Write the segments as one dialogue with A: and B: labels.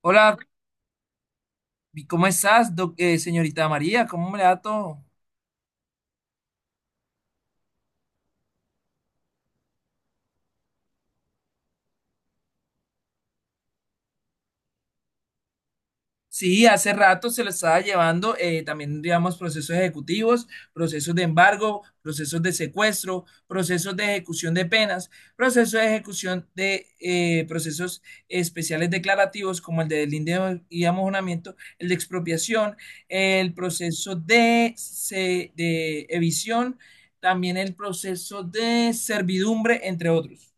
A: Hola, ¿y ¿cómo estás, señorita María? ¿Cómo me le da todo? Sí, hace rato se lo estaba llevando, también digamos procesos ejecutivos, procesos de embargo, procesos de secuestro, procesos de ejecución de penas, procesos de ejecución de procesos especiales declarativos como el de delincuencia y amojonamiento, el de expropiación, el proceso de evicción, también el proceso de servidumbre, entre otros.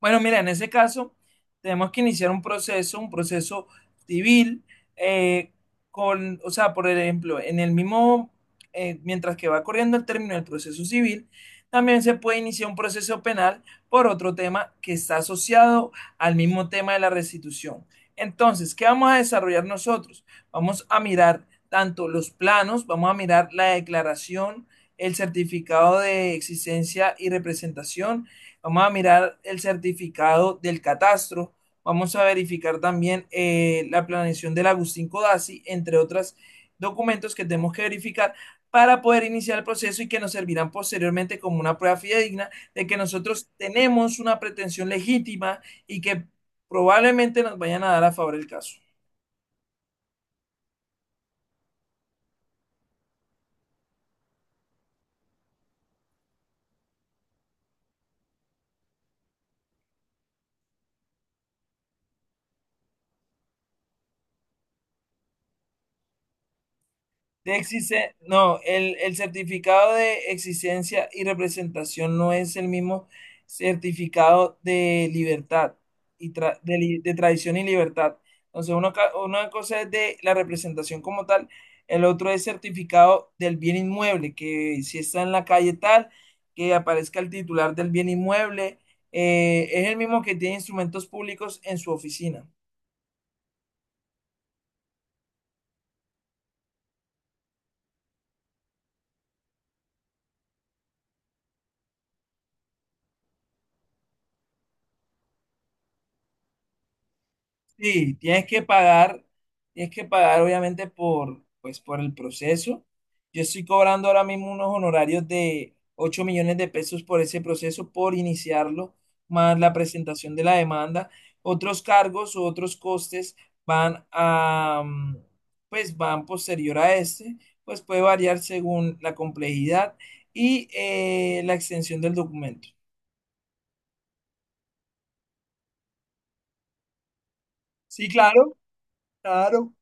A: Bueno, mira, en ese caso tenemos que iniciar un proceso civil, eh, o sea, por ejemplo, en el mismo, mientras que va corriendo el término del proceso civil, también se puede iniciar un proceso penal por otro tema que está asociado al mismo tema de la restitución. Entonces, ¿qué vamos a desarrollar nosotros? Vamos a mirar tanto los planos, vamos a mirar la declaración, el certificado de existencia y representación. Vamos a mirar el certificado del catastro. Vamos a verificar también la planeación del Agustín Codazzi, entre otros documentos que tenemos que verificar para poder iniciar el proceso y que nos servirán posteriormente como una prueba fidedigna de que nosotros tenemos una pretensión legítima y que probablemente nos vayan a dar a favor el caso. De existe, no, el certificado de existencia y representación no es el mismo certificado de libertad y de tradición y libertad. Entonces, una cosa es de la representación como tal, el otro es certificado del bien inmueble, que si está en la calle tal, que aparezca el titular del bien inmueble, es el mismo que tiene instrumentos públicos en su oficina. Sí, tienes que pagar obviamente por, pues, por el proceso. Yo estoy cobrando ahora mismo unos honorarios de 8 millones de pesos por ese proceso, por iniciarlo, más la presentación de la demanda. Otros cargos o otros costes van a, pues van posterior a este, pues puede variar según la complejidad y la extensión del documento. Sí, claro, claro.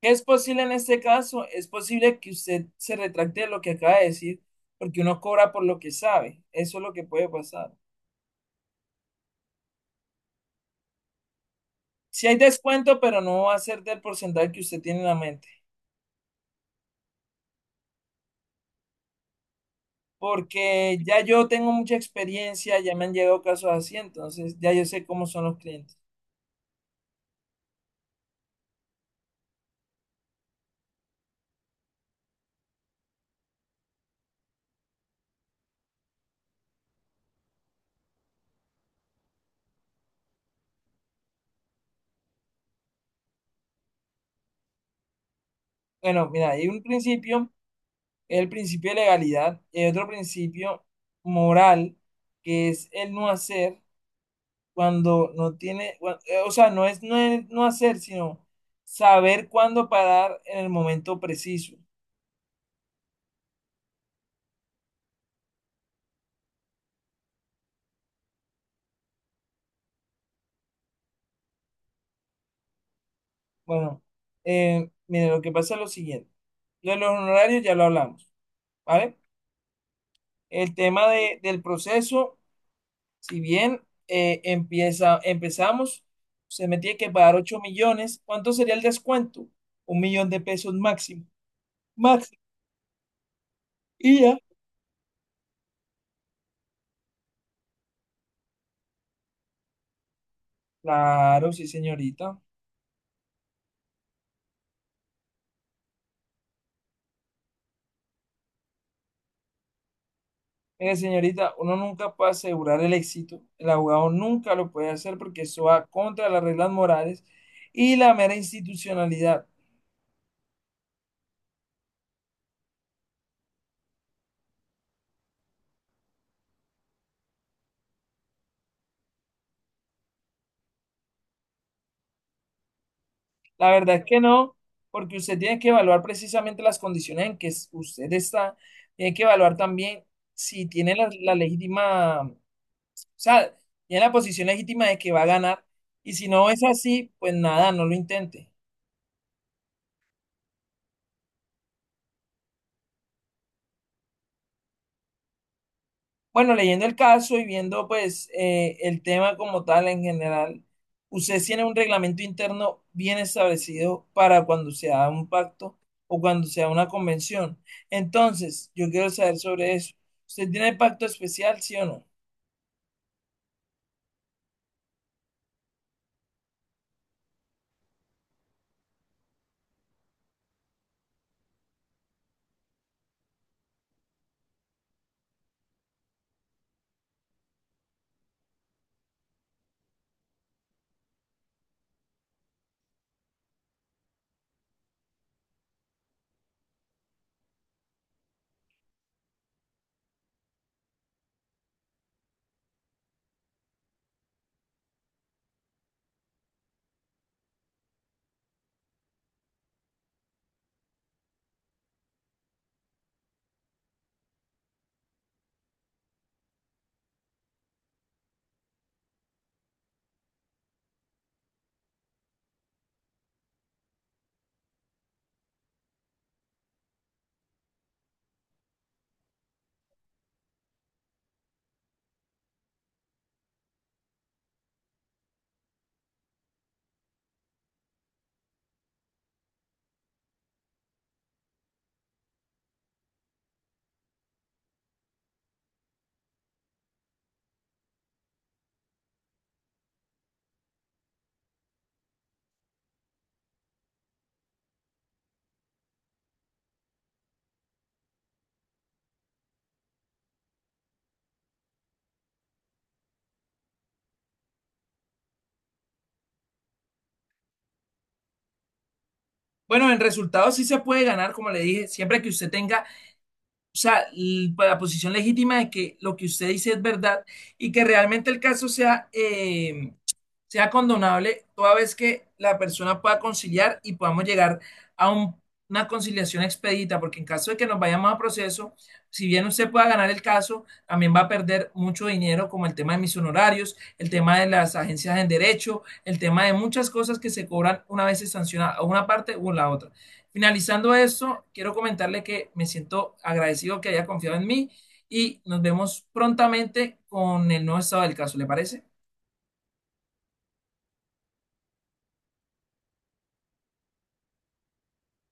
A: ¿Qué es posible en este caso? Es posible que usted se retracte de lo que acaba de decir, porque uno cobra por lo que sabe. Eso es lo que puede pasar. Si hay descuento, pero no va a ser del porcentaje que usted tiene en la mente, porque ya yo tengo mucha experiencia, ya me han llegado casos así, entonces ya yo sé cómo son los clientes. Bueno, mira, hay un principio, el principio de legalidad, y hay otro principio moral, que es el no hacer. Cuando no tiene, cua- O sea, no es, no es no hacer, sino saber cuándo parar en el momento preciso. Bueno, mire, lo que pasa es lo siguiente. Lo de los honorarios ya lo hablamos, ¿vale? El tema del proceso, si bien empezamos, se me tiene que pagar 8 millones. ¿Cuánto sería el descuento? 1 millón de pesos máximo. Máximo. Y ya. Claro, sí, señorita. Mire, señorita, uno nunca puede asegurar el éxito. El abogado nunca lo puede hacer porque eso va contra las reglas morales y la mera institucionalidad. La verdad es que no, porque usted tiene que evaluar precisamente las condiciones usted está. Tiene que evaluar también si tiene la legítima, o sea, tiene la posición legítima de que va a ganar. Y si no es así, pues nada, no lo intente. Bueno, leyendo el caso y viendo pues el tema como tal en general, ustedes tienen un reglamento interno bien establecido para cuando se haga un pacto o cuando se haga una convención. Entonces, yo quiero saber sobre eso. ¿Usted tiene pacto especial, sí o no? Bueno, en resultados sí se puede ganar, como le dije, siempre que usted tenga. Pues, la posición legítima de que lo que usted dice es verdad y que realmente el caso sea, sea condonable toda vez que la persona pueda conciliar y podamos llegar a una conciliación expedita, porque en caso de que nos vayamos a proceso, si bien usted pueda ganar el caso, también va a perder mucho dinero, como el tema de mis honorarios, el tema de las agencias en derecho, el tema de muchas cosas que se cobran una vez se sanciona a una parte o la otra. Finalizando eso, quiero comentarle que me siento agradecido que haya confiado en mí y nos vemos prontamente con el nuevo estado del caso, ¿le parece?